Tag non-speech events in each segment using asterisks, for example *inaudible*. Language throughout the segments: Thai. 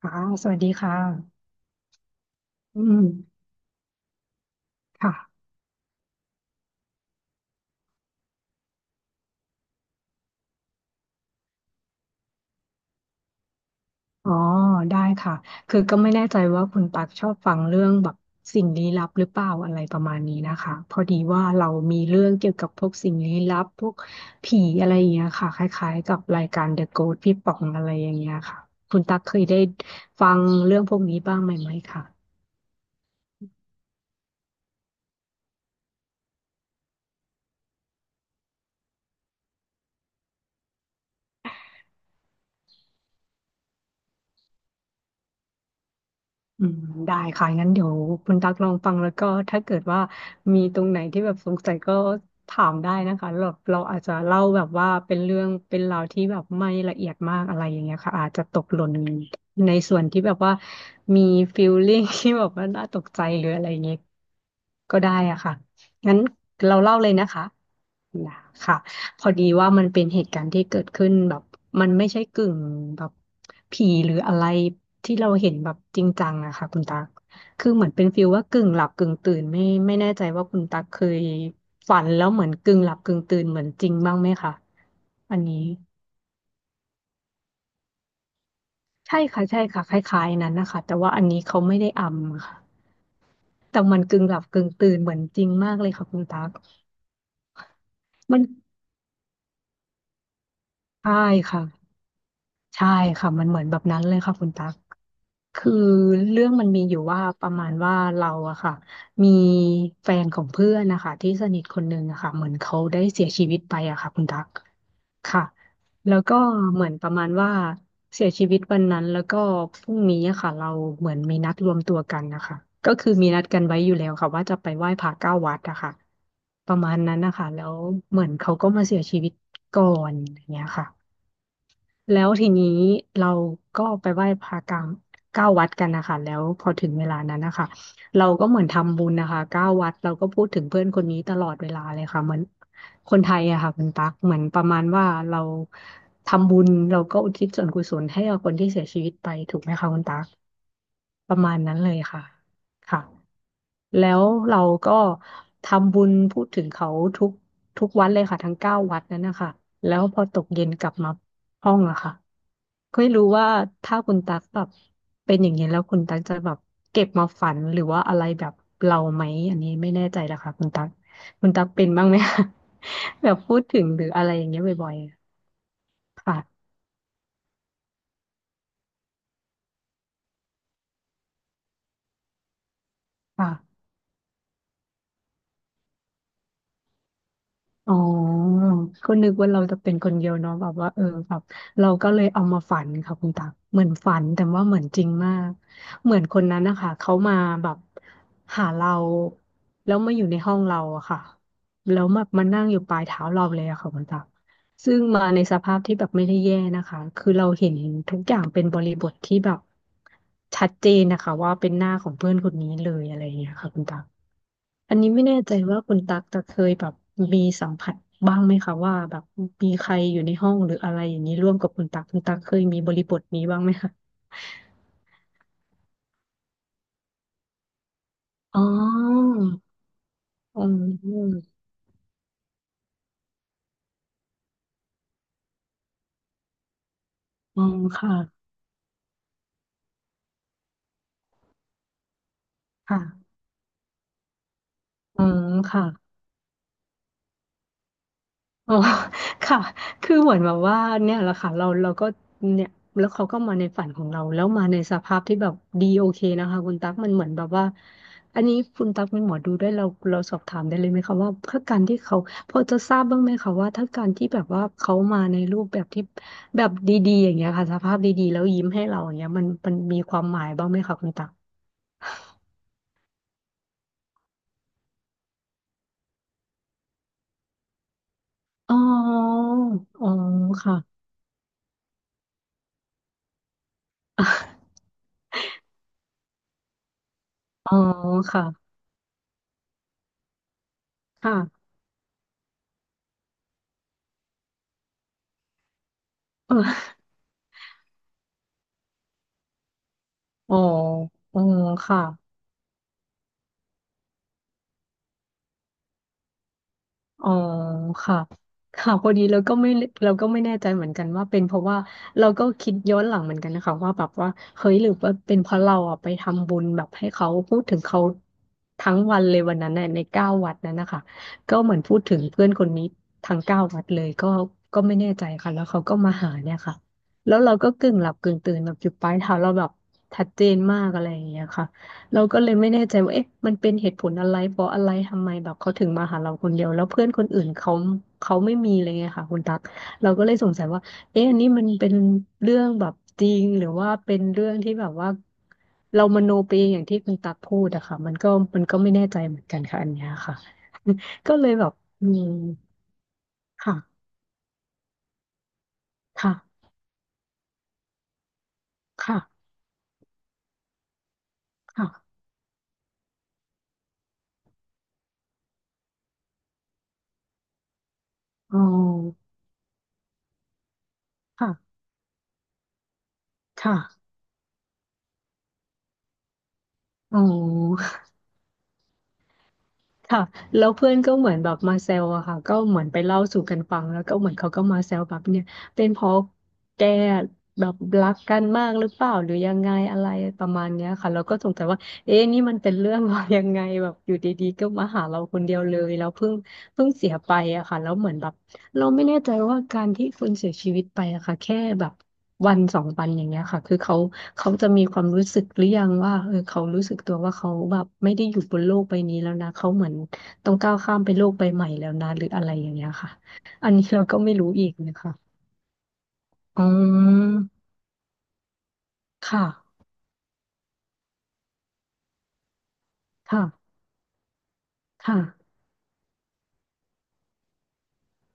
ค่ะสวัสดีค่ะอืมค่ะอ๋อได้ค่ะคือก็ไม่แน่ใจว่าคุณปักชอบฟังเรื่องแบบสิ่งลี้ลับหรือเปล่าอะไรประมาณนี้นะคะพอดีว่าเรามีเรื่องเกี่ยวกับพวกสิ่งลี้ลับพวกผีอะไรอย่างเงี้ยค่ะคล้ายๆกับรายการ The Ghost พี่ป๋องอะไรอย่างเงี้ยค่ะ คุณตักเคยได้ฟังเรื่องพวกนี้บ้างไหมคะ อืมได้ค่ะงั้นเดี๋ยวคุณตักลองฟังแล้วก็ถ้าเกิดว่ามีตรงไหนที่แบบสงสัยก็ถามได้นะคะเราอาจจะเล่าแบบว่าเป็นเรื่องเป็นราวที่แบบไม่ละเอียดมากอะไรอย่างเงี้ยค่ะอาจจะตกหล่นในส่วนที่แบบว่ามีฟีลลิ่ง *laughs* ที่แบบว่าน่าตกใจหรืออะไรอย่างเงี้ยก็ได้อะค่ะงั้นเราเล่าเลยนะคะ นะค่ะพอดีว่ามันเป็นเหตุการณ์ที่เกิดขึ้นแบบมันไม่ใช่กึ่งแบบผีหรืออะไรที่เราเห็นแบบจริงจังอะค่ะคุณตักคือเหมือนเป็นฟีลว่ากึ่งหลับกึ่งตื่นไม่แน่ใจว่าคุณตักเคยฝันแล้วเหมือนกึ่งหลับกึ่งตื่นเหมือนจริงบ้างไหมคะอันนี้ใช่ค่ะใช่ค่ะคล้ายๆนั้นนะคะแต่ว่าอันนี้เขาไม่ได้อำค่ะแต่มันกึ่งหลับกึ่งตื่นเหมือนจริงมากเลยค่ะคุณตักมันใช่ค่ะใช่ค่ะมันเหมือนแบบนั้นเลยค่ะคุณตัก คือเรื่องมันมีอยู่ว่าประมาณว่าเราอะค่ะมีแฟนของเพื่อนนะคะที่สนิทคนหนึ่งอะค่ะเหมือนเขาได้เสียชีวิตไปอะค่ะคุณตักค่ะแล้วก็เหมือนประมาณว่าเสียชีวิตวันนั้นแล้วก็พรุ่งนี้อะค่ะเราเหมือนมีนัดรวมตัวกันนะคะก็คือมีนัดกันไว้อยู่แล้วค่ะว่าจะไปไหว้พระเก้าวัดอะค่ะประมาณนั้นนะคะแล้วเหมือนเขาก็มาเสียชีวิตก่อนอย่างเงี้ยค่ะ แล้วทีนี้เราก็ไปไหว้พระกลางเก้าวัดกันนะคะแล้วพอถึงเวลานั้นนะคะเราก็เหมือนทำบุญนะคะเก้าวัดเราก็พูดถึงเพื่อนคนนี้ตลอดเวลาเลยค่ะเหมือนคนไทยอะค่ะคุณตั๊กเหมือนประมาณว่าเราทำบุญเราก็อุทิศส่วนกุศลให้กับคนที่เสียชีวิตไปถูกไหมคะคุณตั๊กประมาณนั้นเลยค่ะค่ะ แล้วเราก็ทำบุญพูดถึงเขาทุกทุกวัดเลยค่ะทั้งเก้าวัดนั้นนะคะแล้วพอตกเย็นกลับมาห้องอะค่ะก็ไม่รู้ว่าถ้าคุณตักแบบเป็นอย่างนี้ยแล้วคุณตักจะแบบเก็บมาฝันหรือว่าอะไรแบบเราไหมอันนี้ไม่แน่ใจละค่ะคุณตักคุณตักเป็นบ้างไหมคะ *laughs* แบบพูดถึงหรืออะไรอย่างเงี้ยบ่อยๆค่ะค่ะ อ๋อก็นึกว่าเราจะเป็นคนเดียวเนาะแบบว่าเออแบบเราก็เลยเอามาฝันค่ะคุณตักเหมือนฝันแต่ว่าเหมือนจริงมากเหมือนคนนั้นนะคะเขามาแบบหาเราแล้วมาอยู่ในห้องเราอะค่ะแล้วมานั่งอยู่ปลายเท้าเราเลยอะค่ะคุณตักซึ่งมาในสภาพที่แบบไม่ได้แย่นะคะคือเราเห็นทุกอย่างเป็นบริบทที่แบบชัดเจนนะคะว่าเป็นหน้าของเพื่อนคนนี้เลยอะไรอย่างเงี้ยค่ะคุณตัก อันนี้ไม่แน่ใจว่าคุณตักจะเคยแบบมีสัมผัสบ้างไหมคะว่าแบบมีใครอยู่ในห้องหรืออะไรอย่างนี้ร่วมกับคุณตักคุณตักเคยมีบริบทนี้บ้างไหมคะอ๋ออืมอืมค่ะค่ะอืมค่ะ อ๋อ *laughs* ค่ะ คือเหมือนแบบว่าเนี่ยแหละค่ะเราก็เนี่ยแล้วเขาก็มาในฝันของเราแล้วมาในสภาพที่แบบดีโอเคนะคะคุณตั๊กมันเหมือนแบบว่าอันนี้คุณตั๊กเป็นหมอดูได้วยเราสอบถามได้เลยไหมคะว่าถ้าการที่เขาพอจะทราบบ้างไหมคะว่าถ้าการที่แบบว่าเขามาในรูปแบบที่แบบดีๆอย่างเงี้ยค่ะสภาพดีๆแล้วยิ้มให้เราอย่างเงี้ยมันมีความหมายบ้างไหมคะคุณตั๊กอ๋ออ๋อค่ะ *laughs* อ๋อค่ะค่ะเออ อ๋ออ๋อค่ะอ๋อค่ะค่ะพอดีเราก็ไม่เราก็ไม่แน่ใจเหมือนกันว่าเป็นเพราะว่าเราก็คิดย้อนหลังเหมือนกันนะคะว่าแบบว่าเฮ้ยหรือว่าเป็นเพราะเราอ่ะไปทำบุญแบบให้เขาพูดถึงเขาทั้งวันเลยวันนั้นน่ะในเก้าวัดนั้นนะคะก็เหมือนพูดถึงเพื่อนคนนี้ทั้งเก้าวัดเลยก็ก็ไม่แน่ใจค่ะแล้วเขาก็มาหาเนี่ยค่ะแล้วเราก็กึ่งหลับกึ่งตื่นแบบอยู่ปลายเท้าเราแบบชัดเจนมากอะไรอย่างเงี้ยค่ะ เราก็เลยไม่แน่ใจว่าเอ๊ะมันเป็นเหตุผลอะไรเพราะอะไรทำไมแบบเขาถึงมาหาเราคนเดียวแล้วเพื่อนคนอื่นเขาเขาไม่มีอะไรเงี้ยค่ะคุณตั๊กเราก็เลยสงสัยว่าเอ๊ะอันนี้มันเป็นเรื่องแบบจริงหรือว่าเป็นเรื่องที่แบบว่าเรามโนไปเองอย่างที่คุณตั๊กพูดอะค่ะมันก็มันก็ไม่แน่ใจเหมือนกันค่ะอันเนี้ยค่ะ *laughs* ก็เลยแบบอืมค่ะค่ะค่ะค่ะอ๋อค่ะค่ะอ๋อ ค่ะแล้วเพื่อนก็เหมือนแบบมาแซวอะค่ะก็เหมือนไปเล่าสู่กันฟังแล้วก็เหมือนเขาก็มาแซวแบบเนี่ยเป็นเพราะแกแบบรักกันมากหรือเปล่าหรือยังไงอะไรประมาณเนี้ยค่ะเราก็สงสัยว่าเอ๊ะนี่มันเป็นเรื่อง *laughs* ว่ายังไงแบบอยู่ดีๆก็มาหาเราคนเดียวเลยแล้วเพิ่งเสียไปอะค่ะแล้วเหมือนแบบ เราไม่แน่ใจว่าการที่คนเสียชีวิตไปอะค่ะแค่แบบวันสองวันอย่างเงี้ยค่ะคือเขาจะมีความรู้สึกหรือยังว่าเออเขารู้สึกตัวว่าเขาแบบไม่ได้อยู่บนโลกใบนี้แล้วนะเขาเหมือนต้องก้าวข้ามไปโลกใบใหม่แล้วนะหรืออะไรอย่างเงี้ยค่ะอันนี้เราก็ไม่รู้อีกนะคะอ๋อค่ะค่ะค่ะ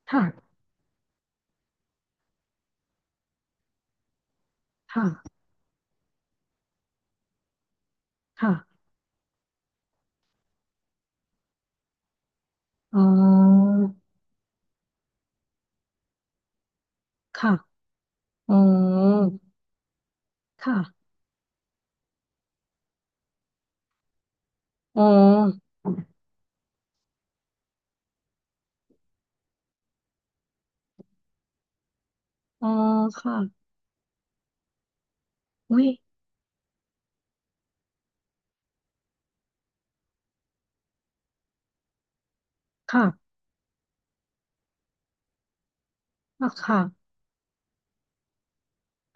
ค่ะค่ะค่ะอ๋อค่ะอ๋อค่ะอ๋ออ๋อค่ะอุ้ยค่ะอ่ะค่ะ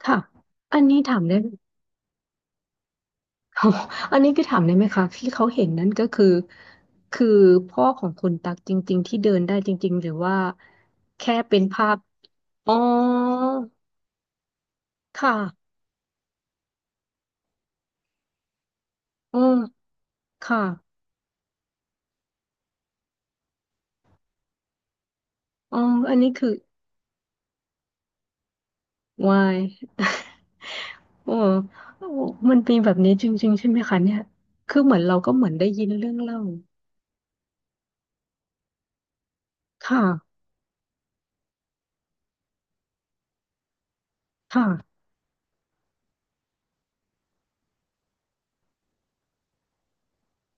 ค่ะอันนี้ถามได้ *laughs* อันนี้คือถามได้ไหมคะที่เขาเห็นนั่นก็คือคือพ่อของคุณตักจริงๆที่เดินได้จริงๆหรือว่าแค่เป็นภาพอ๋อค่ะอืมค่ะอ๋ออันนี้คือวาย *laughs* โอ้ *laughs* โอ้มันมีแบบนี้จริงๆใช่ไหมคะเนี่ยคือเหมือนเราก็เหมือนได้ยินเรื่องเล่าค่ะค่ะ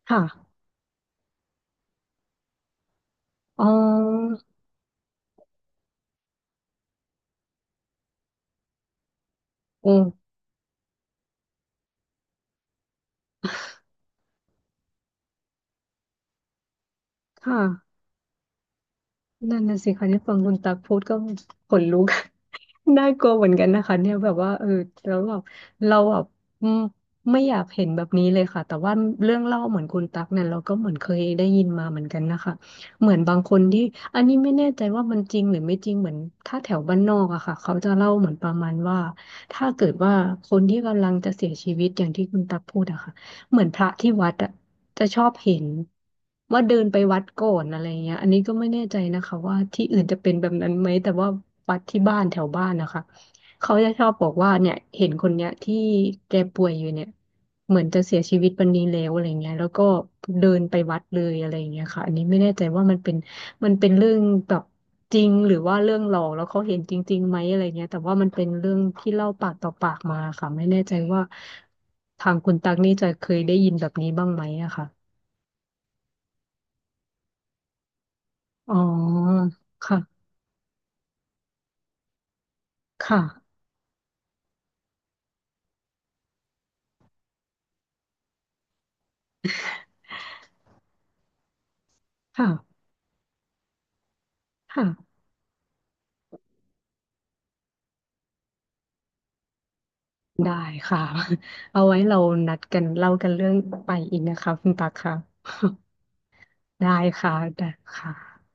ค่ะอ๋อโอ้ค่ะ นั่นน่ะสิคะเนี่ยฟังคุณตักพูดก็ขนลุก *laughs* น่ากลัวเหมือนกันนะคะเนี่ยแบบว่าเออแล้วแบบเราแบบอืมไม่อยากเห็นแบบนี้เลยค่ะแต่ว่าเรื่องเล่าเหมือนคุณตักเนี่ยเราก็เหมือนเคยได้ยินมาเหมือนกันนะคะเหมือนบางคนที่อันนี้ไม่แน่ใจว่ามันจริงหรือไม่จริงเหมือนถ้าแถวบ้านนอกอะค่ะเขาจะเล่าเหมือนประมาณว่าถ้าเกิดว่าคนที่กำลังจะเสียชีวิตอย่างที่คุณตักพูดอะค่ะ เหมือนพระที่วัดอะจะชอบเห็นว่าเดินไปวัดก่อนอะไรเงี้ยอันนี้ก็ไม่แน่ใจนะคะว่าที่อื่นจะเป็นแบบนั้นไหมแต่ว่าวัดที่บ้านแถวบ้านนะคะเขาจะชอบบอกว่าเนี่ยเห็นคนเนี้ยที่แกป่วยอยู่เนี่ยเหมือนจะเสียชีวิตวันนี้แล้วอะไรเงี้ยแล้วก็เดินไปวัดเลยอะไรเงี้ยค่ะอันนี้ไม่แน่ใจว่ามันเป็น เรื่องแบบจริงหรือว่าเรื่องหลอกแล้วเขาเห็นจริงๆไหมอะไรเงี้ยแต่ว่ามันเป็นเรื่องที่เล่าปากต่อปากมาค่ะไม่แน่ใจว่าทางคุณตักนี่จะเคยได้ยินแบบนี้บ้างไหมอะค่ะอ๋อค่ะค่ะค่ะค่ะได้ค่ะ *laughs* เอาไว้เรานัดกันเล่ากันเรื่องไปอีกนะคะคุณตักค่ะ *laughs* ได้ค่ะได้ค่ะ